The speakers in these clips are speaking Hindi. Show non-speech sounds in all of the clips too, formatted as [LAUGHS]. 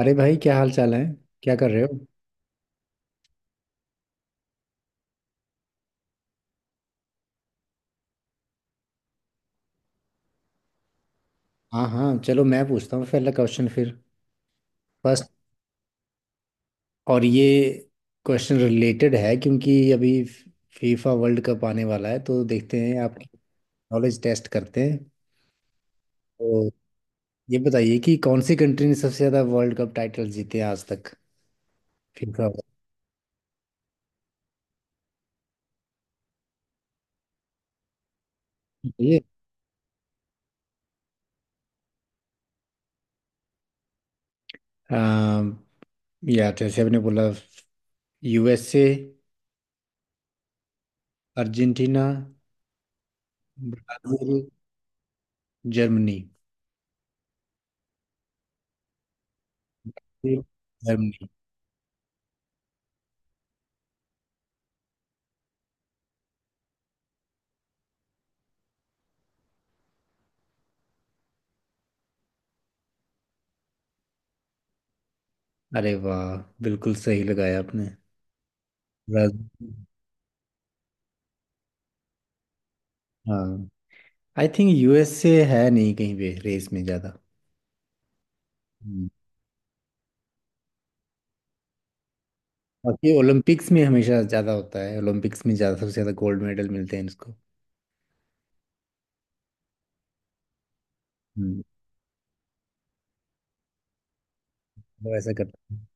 अरे भाई, क्या हाल चाल है। क्या कर रहे हो। हाँ हाँ, चलो मैं पूछता हूँ पहला क्वेश्चन फिर। फर्स्ट। और ये क्वेश्चन रिलेटेड है क्योंकि अभी फीफा वर्ल्ड कप आने वाला है, तो देखते हैं आपकी नॉलेज टेस्ट करते हैं। तो ये बताइए कि कौन सी कंट्री ने सबसे ज़्यादा वर्ल्ड कप टाइटल जीते हैं आज तक, फीफा। ये अम, या जैसे आपने बोला, USA, Argentina, Brazil, Germany. Germany. अरे वाह, बिल्कुल सही लगाया आपने। ब्राजील। हाँ, आई थिंक यूएसए है नहीं कहीं पे रेस में ज़्यादा। हम्म। बाकी ओलंपिक्स में हमेशा ज़्यादा होता है, ओलंपिक्स में ज़्यादा सबसे ज़्यादा गोल्ड मेडल मिलते हैं इसको। हम्म। वो ऐसा करते हैं।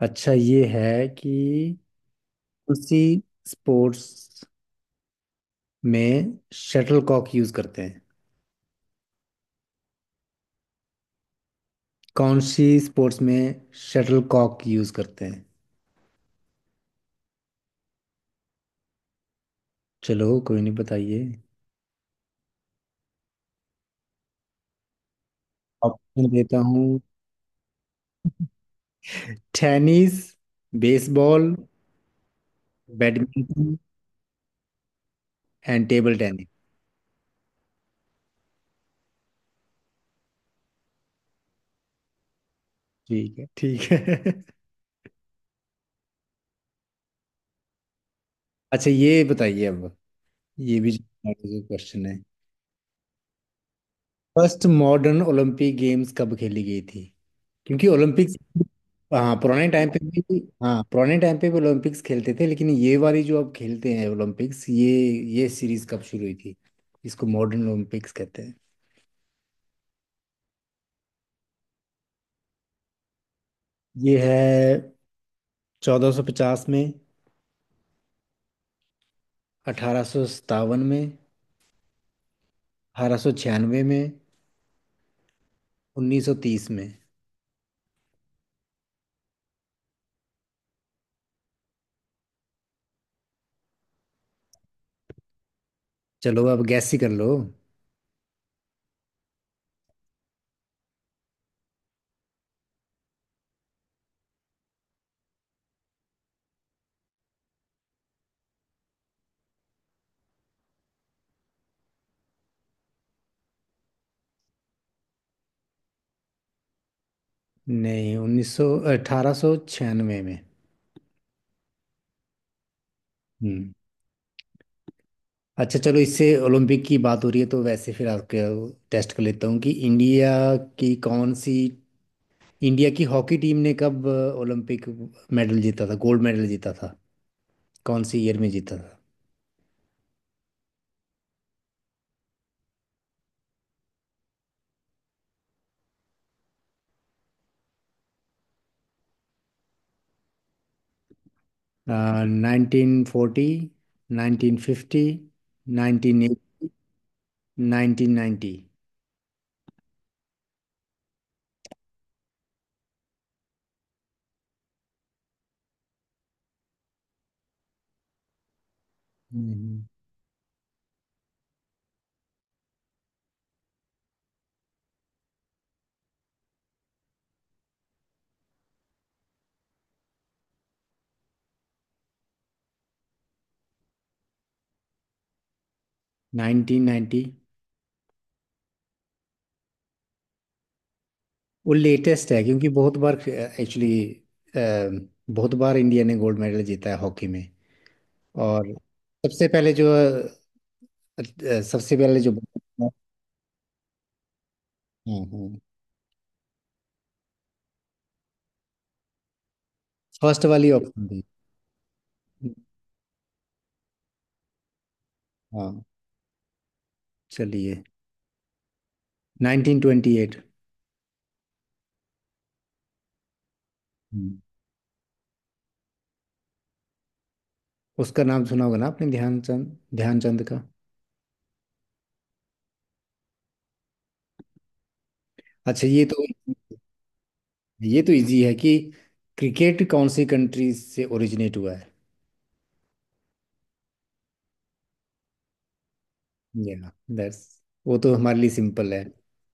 अच्छा ये है कि उसी स्पोर्ट्स में शटल कॉक यूज़ करते हैं। कौन सी स्पोर्ट्स में शटल कॉक यूज़ करते हैं। चलो कोई नहीं, बताइए। ऑप्शन देता हूँ। Tennis, baseball, badminton and table tennis. ठीक है, ठीक है। [LAUGHS] अच्छा ये बताइए अब, ये भी क्वेश्चन है। फर्स्ट मॉडर्न ओलंपिक गेम्स कब खेली गई थी। क्योंकि ओलंपिक्स, हाँ पुराने टाइम पे भी, ओलंपिक्स खेलते थे लेकिन ये वाली जो अब खेलते हैं ओलंपिक्स, ये सीरीज कब शुरू हुई थी। इसको मॉडर्न ओलंपिक्स कहते हैं। ये है, 1450 में, 1857 में, 1896 में, 1930 में। चलो अब गैस ही कर लो। नहीं, उन्नीस सौ 1896 में। हम्म। अच्छा चलो, इससे ओलंपिक की बात हो रही है तो वैसे फिर आपके टेस्ट कर लेता हूँ कि की कौन सी इंडिया की हॉकी टीम ने कब ओलंपिक मेडल जीता था, गोल्ड मेडल जीता था, कौन सी ईयर में जीता था। 1940, 1950, 1980, 1990। नाइनटीन नाइन्टी वो लेटेस्ट है क्योंकि बहुत बार इंडिया ने गोल्ड मेडल जीता है हॉकी में। और सबसे पहले जो अ, सबसे पहले जो। हाँ हाँ, फर्स्ट वाली ऑप्शन थी। हाँ, चलिए, 1928। हम्म। उसका नाम सुना होगा ना आपने, ध्यानचंद, ध्यानचंद का। अच्छा, ये तो इजी है कि क्रिकेट कौन सी कंट्री से ओरिजिनेट हुआ है। या दैट्स, वो तो हमारे लिए सिंपल है।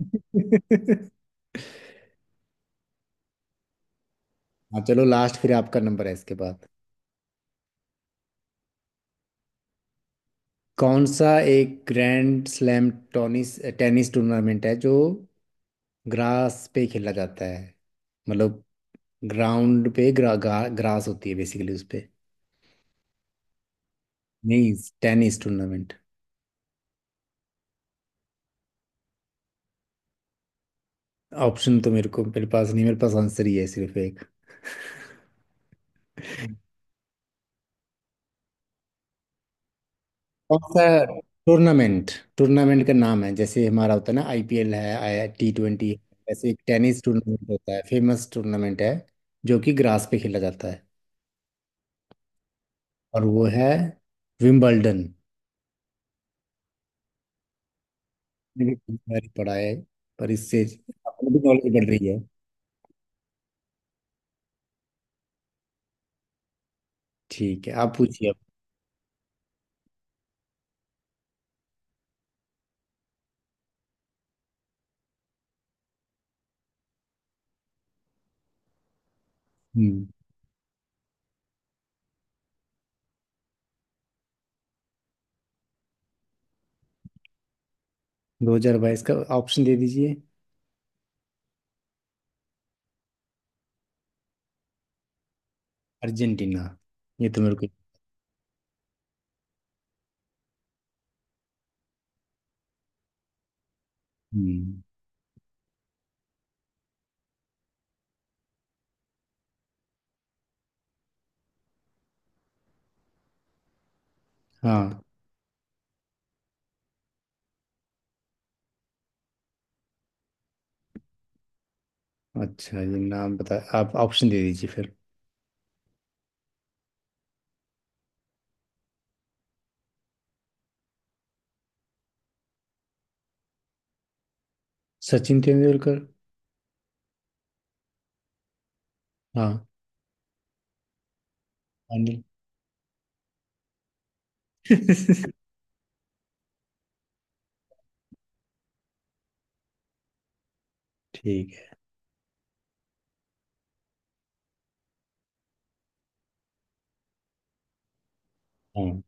[LAUGHS] हाँ चलो, लास्ट, फिर आपका नंबर है इसके बाद। कौन सा एक grand slam tennis tennis tournament है जो ग्रास पे खेला जाता है। मतलब ग्राउंड पे ग्रास होती है बेसिकली उस पे। नहीं, टेनिस टूर्नामेंट। ऑप्शन तो मेरे पास नहीं, मेरे पास आंसर ही है सिर्फ एक। कौन सा टूर्नामेंट, टूर्नामेंट का नाम है जैसे हमारा होता है ना, आईपीएल है, आई टी ट्वेंटी। वैसे एक टेनिस टूर्नामेंट होता है, फेमस टूर्नामेंट है जो कि ग्रास पे खेला जाता है, और वो है विम्बलडन। मैंने बहुत बारी पढ़ा है पर इससे आपको भी नॉलेज बढ़ रही है। ठीक है, आप पूछिए अब। हम्म। 2022 का ऑप्शन दे दीजिए। अर्जेंटीना, ये तो मेरे को। हम्म, हाँ। अच्छा ये नाम बता, आप ऑप्शन दे दीजिए फिर। सचिन तेंदुलकर। हाँ। अनिल। [LAUGHS] ठीक है। हाँ।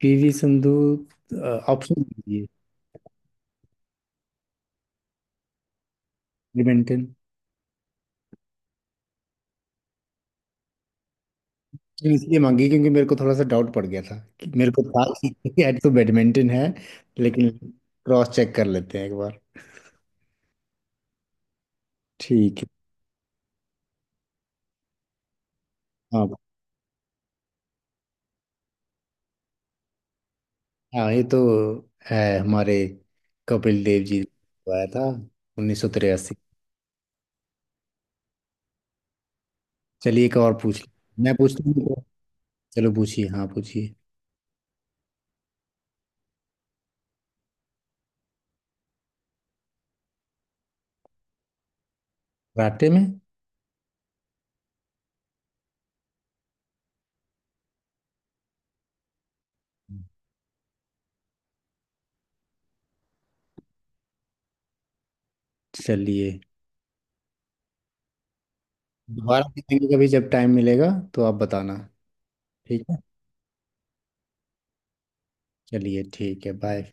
पीवी संधू, अ, ऑप्शन दीजिए। बैडमिंटन। नहीं, इसलिए मांगी क्योंकि मेरे को थोड़ा सा डाउट पड़ गया था, कि मेरे को था कि [LAUGHS] यार तो बैडमिंटन है। लेकिन क्रॉस चेक कर लेते हैं एक बार। ठीक है। हाँ हाँ, ये तो है, हमारे कपिल देव जी को आया था, 1983। चलिए एक और पूछ लें। मैं पूछता हूँ तो। चलो पूछिए, हाँ पूछिए। कराटे में। चलिए, दोबारा पूछेंगे कभी जब टाइम मिलेगा, तो आप बताना। ठीक है, चलिए, ठीक है, बाय।